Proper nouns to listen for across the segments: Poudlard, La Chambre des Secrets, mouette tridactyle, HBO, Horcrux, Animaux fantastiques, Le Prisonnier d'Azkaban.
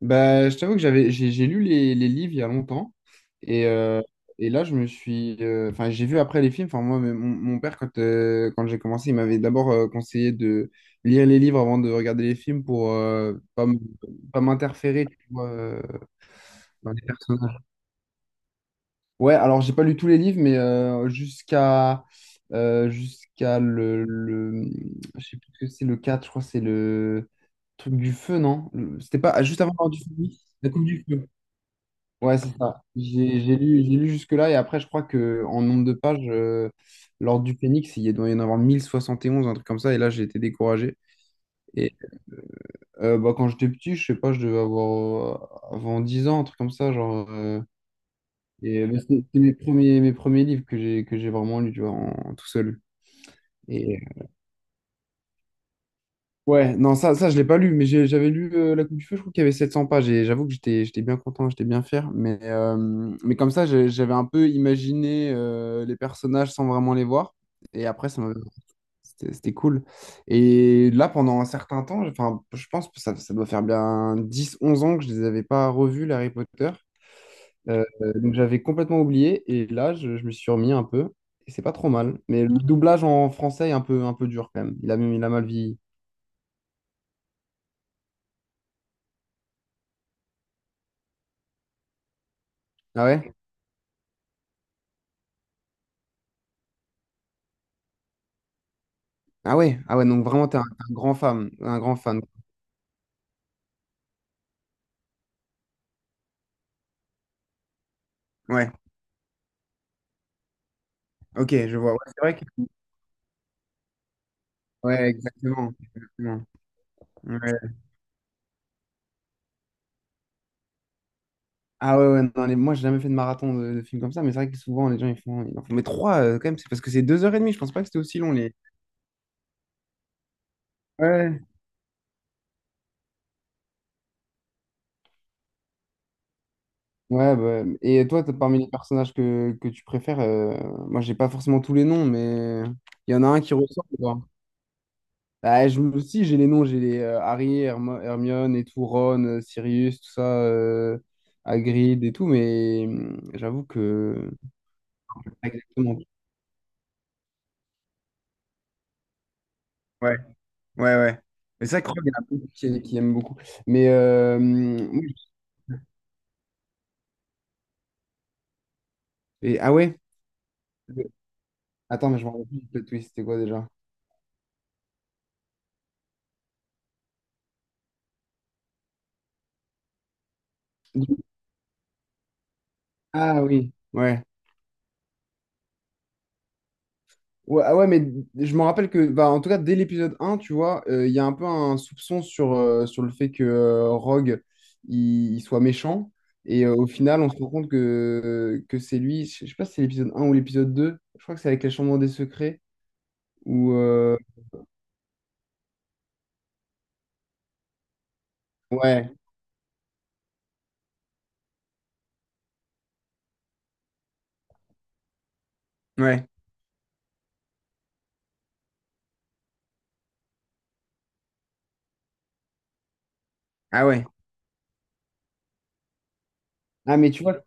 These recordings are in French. Bah, je t'avoue que j'ai lu les livres il y a longtemps. Et, euh, et là, je me suis. Enfin, j'ai vu après les films. Enfin, moi, mais mon père, quand j'ai commencé, il m'avait d'abord conseillé de lire les livres avant de regarder les films pour pas m'interférer, tu vois, dans les personnages. Ouais, alors, j'ai pas lu tous les livres, mais jusqu'à. Jusqu'à le. Je sais plus ce que c'est, le 4 je crois, que c'est le truc du feu, non? C'était pas. Ah, juste avant l'heure du feu, oui. La coupe du feu. Ouais, c'est ça. J'ai lu jusque-là et après, je crois que en nombre de pages, l'Ordre du Phénix, il doit y en avoir 1071 un truc comme ça, et là, j'ai été découragé. Et bah, quand j'étais petit, je sais pas, je devais avoir avant 10 ans, un truc comme ça, genre. Et c'est mes premiers livres que j'ai vraiment lu, tu vois, en, tout seul. Et ouais, non, ça je l'ai pas lu, mais j'avais lu La Coupe du Feu, je crois qu'il y avait 700 pages, et j'avoue que j'étais bien content, j'étais bien fier, mais comme ça, j'avais un peu imaginé les personnages sans vraiment les voir, et après, c'était cool. Et là, pendant un certain temps, enfin, je pense que ça doit faire bien dix onze ans que je les avais pas revus, les Harry Potter. Euh, donc j'avais complètement oublié, et là, je me suis remis un peu, et c'est pas trop mal, mais le doublage en français est un peu dur quand même, il a mal vieilli. Ah ouais? Ah ouais, ah ouais, donc vraiment, un grand fan, un grand fan. Ouais, ok, je vois. Ouais, c'est vrai que. Ouais, exactement. Exactement. Ouais. Ah ouais, ouais, non, moi, j'ai jamais fait de marathon de films comme ça, mais c'est vrai que souvent, les gens, ils font. Ils en font. Mais trois, quand même, c'est parce que c'est deux heures et demie, je pense pas que c'était aussi long, les. Ouais. Ouais, bah, et toi, parmi les personnages que tu préfères, moi, j'ai pas forcément tous les noms, mais il y en a un qui ressort. Bah, je me aussi, j'ai les noms, j'ai les Harry, Hermione et tout, Ron, Sirius, tout ça, Hagrid et tout, mais j'avoue que. Pas exactement. Ouais, ouais, ouais. Mais ça, je crois qu'il y en a beaucoup qui aiment beaucoup. Mais. Oui. Et, ah ouais? Attends, mais je me rappelle plus de twist, c'était quoi déjà? Ah oui, ouais. Ouais, ah ouais, mais je me rappelle que, bah, en tout cas, dès l'épisode un tu vois, il y a un peu un soupçon sur, sur le fait que Rogue, il soit méchant. Et au final, on se rend compte que c'est lui. Je sais pas si c'est l'épisode un ou l'épisode deux. Je crois que c'est avec la Chambre des Secrets. Ou, euh, Ouais, ouais. Ah ouais. Ah, mais tu vois,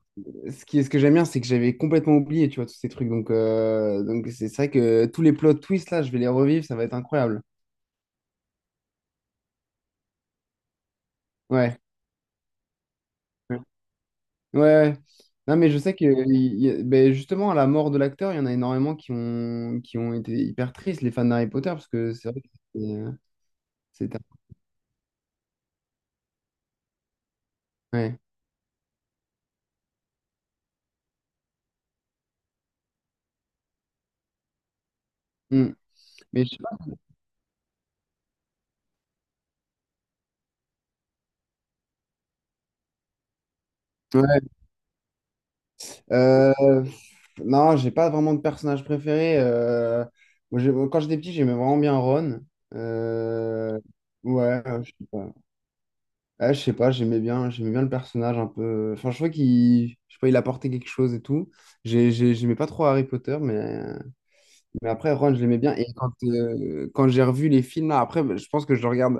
ce qui, ce que j'aime bien, c'est que j'avais complètement oublié, tu vois, tous ces trucs. Donc c'est vrai que tous les plot twists, là, je vais les revivre. Ça va être incroyable. Ouais. Ouais, ouais. Non, mais je sais que ben, justement, à la mort de l'acteur, il y en a énormément qui ont été hyper tristes, les fans d'Harry Potter, parce que c'est vrai que c'était. euh, c'était. Ouais. Hmm. Mais je sais pas. Ouais. Euh, non, j'ai pas vraiment de personnage préféré. Moi, quand j'étais petit, j'aimais vraiment bien Ron. Euh, ouais, je sais pas. Ouais, je sais pas, j'aimais bien le personnage un peu. Enfin, je trouvais qu'il, je sais pas, il apportait quelque chose et tout. J'aimais pas trop Harry Potter, mais. Mais après, Ron, je l'aimais bien. Et quand j'ai revu les films, là, après, je pense que je le regarde,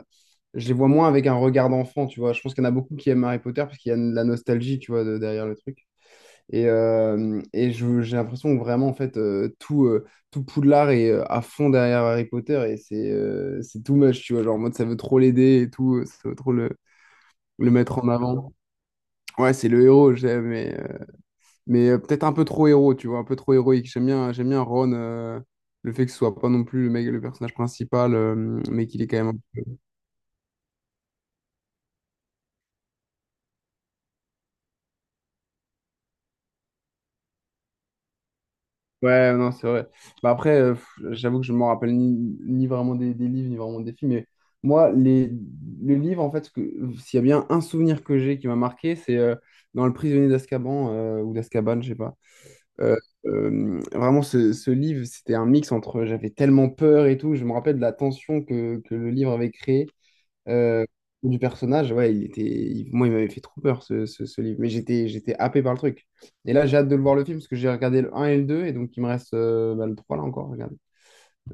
je les vois moins avec un regard d'enfant, tu vois. Je pense qu'il y en a beaucoup qui aiment Harry Potter parce qu'il y a de la nostalgie, tu vois, derrière le truc. Et j'ai l'impression que vraiment, en fait, tout, tout Poudlard est à fond derrière Harry Potter et c'est too much, tu vois. Genre, en mode, ça veut trop l'aider et tout, ça veut trop le, mettre en avant. Ouais, c'est le héros, j'aime, mais peut-être un peu trop héros, tu vois, un peu trop héroïque. J'aime bien Ron, le fait que ce soit pas non plus le mec, le personnage principal, mais qu'il est quand même. Ouais, non, c'est vrai. Bah après, j'avoue que je ne me rappelle ni, vraiment des, livres, ni vraiment des films, mais moi, les, le livre, en fait, ce que, s'il y a bien un souvenir que j'ai qui m'a marqué, c'est dans Le Prisonnier d'Azkaban, ou d'Azkaban, je sais pas. Euh, vraiment, ce livre, c'était un mix entre j'avais tellement peur et tout. Je me rappelle de la tension que le livre avait créé. Euh, du personnage, ouais, il était, moi, il m'avait fait trop peur ce, ce livre, mais j'étais happé par le truc. Et là, j'ai hâte de le voir le film parce que j'ai regardé le 1 et le 2, et donc il me reste bah, le 3 là encore, regarde.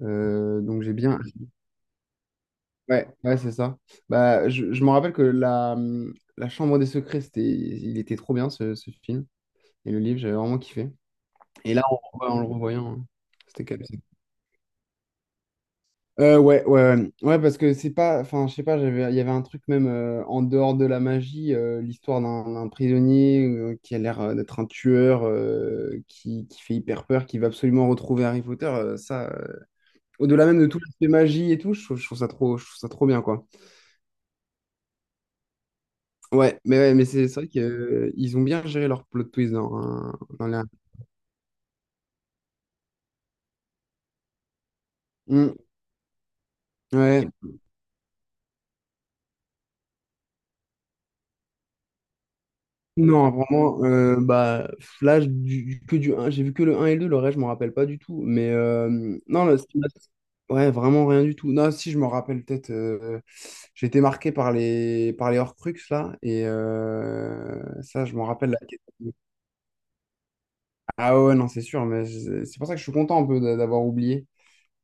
Donc j'ai bien. Ouais, ouais, c'est ça. Bah, je me rappelle que la Chambre des Secrets, c'était, il était trop bien ce, film, et le livre, j'avais vraiment kiffé. Et là, on, le revoyant, hein, c'était canon. Ouais, parce que c'est pas, enfin, je sais pas, j'avais, il y avait un truc même en dehors de la magie, l'histoire d'un prisonnier qui a l'air d'être un tueur, qui fait hyper peur, qui va absolument retrouver Harry Potter, ça, au-delà même de tout l'aspect magie et tout, je trouve ça trop, je trouve ça trop bien, quoi. Ouais, mais c'est vrai qu'ils ont bien géré leur plot twist dans, dans la. Mm, ouais. Non, vraiment, bah, là, du un j'ai vu que le un et le 2, le reste, je m'en rappelle pas du tout. Mais non, ouais, vraiment rien du tout. Non, si, je me rappelle peut-être, j'ai été marqué par par les Horcrux, là, et ça, je m'en rappelle. Ah ouais, non, c'est sûr, mais c'est pour ça que je suis content un peu d'avoir oublié.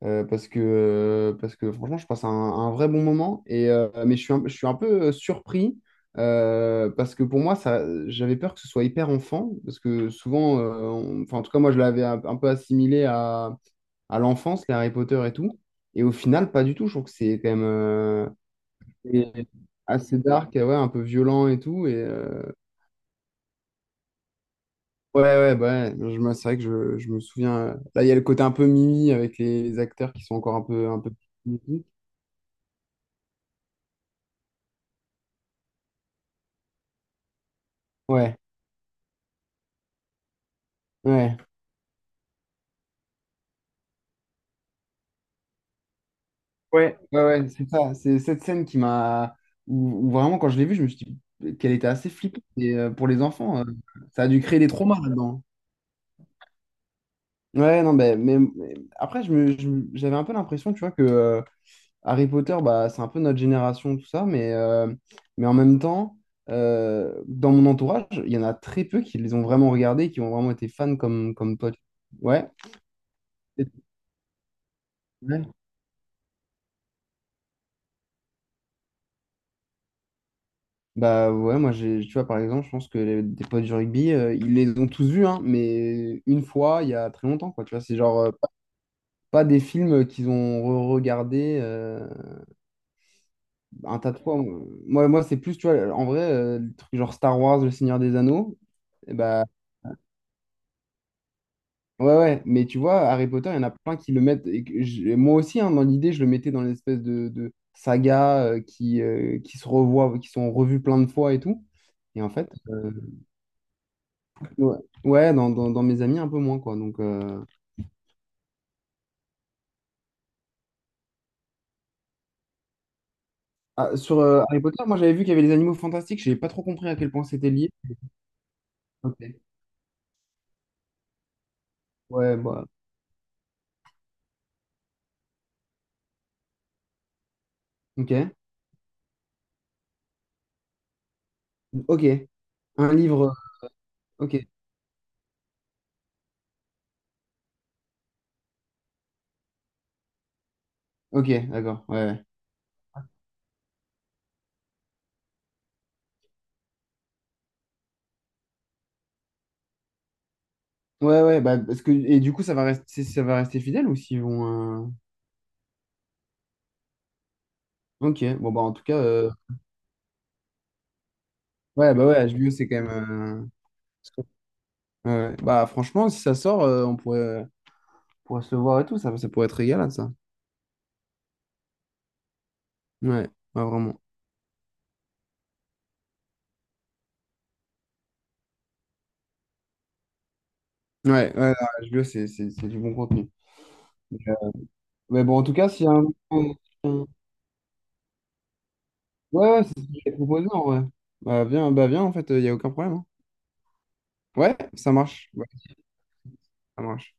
Parce que franchement, je passe un vrai bon moment. Et, mais je suis un peu surpris parce que pour moi, ça, j'avais peur que ce soit hyper enfant. Parce que souvent, enfin, en tout cas, moi, je l'avais un peu assimilé à l'enfance, les Harry Potter et tout. Et au final, pas du tout. Je trouve que c'est quand même et assez dark, ouais, un peu violent et tout. Et, ouais, ouais, bah ouais, c'est vrai que je me souviens. Là, il y a le côté un peu Mimi avec les acteurs qui sont encore un peu, un peu. Ouais, ouais. Ouais, ouais, ouais, c'est ça. C'est cette scène qui m'a. Où vraiment, quand je l'ai vue, je me suis dit qu'elle était assez flippante. Et pour les enfants, ça a dû créer des traumas là-dedans. Ouais, non, ben, mais après, j'avais un peu l'impression, tu vois, que Harry Potter, bah, c'est un peu notre génération, tout ça, mais en même temps, dans mon entourage, il y en a très peu qui les ont vraiment regardés, qui ont vraiment été fans comme toi. Ouais. Bah ouais, moi j'ai, tu vois, par exemple, je pense que des potes du rugby, ils les ont tous vus, hein, mais une fois, il y a très longtemps, quoi. Tu vois, c'est genre pas des films qu'ils ont re-regardés un tas de fois. Moi c'est plus, tu vois, en vrai, le truc genre Star Wars, Le Seigneur des Anneaux, eh bah ouais, ouais, mais tu vois, Harry Potter, il y en a plein qui le mettent. Et que moi aussi, hein, dans l'idée, je le mettais dans l'espèce de saga qui se revoit, qui sont revus plein de fois et tout. Et en fait. Ouais, ouais, dans mes amis, un peu moins, quoi. Donc, ah, sur Harry Potter, moi, j'avais vu qu'il y avait les animaux fantastiques. J'ai pas trop compris à quel point c'était lié. Ok. Ouais, bah, ok. Ok. Un livre. Ok. Ok, d'accord. Ouais, ouais. Ouais, ouais, bah, parce que, et du coup, ça va rester fidèle ou s'ils vont. Ok. Bon, bah, en tout cas, ouais, bah, ouais, HBO, c'est quand même. Ouais, ouais. Bah, franchement, si ça sort, on pourrait se le voir et tout. Ça pourrait être régalade, ça. Ouais, ouais, vraiment. Ouais, ouais, non, HBO, c'est du bon contenu. Mais bon, en tout cas, s'il y a un. Ouais, ouais, c'est ce que j'ai proposé en vrai. Bah viens, en fait, il n'y a aucun problème. Hein. Ouais, ça marche. Ouais, ça marche.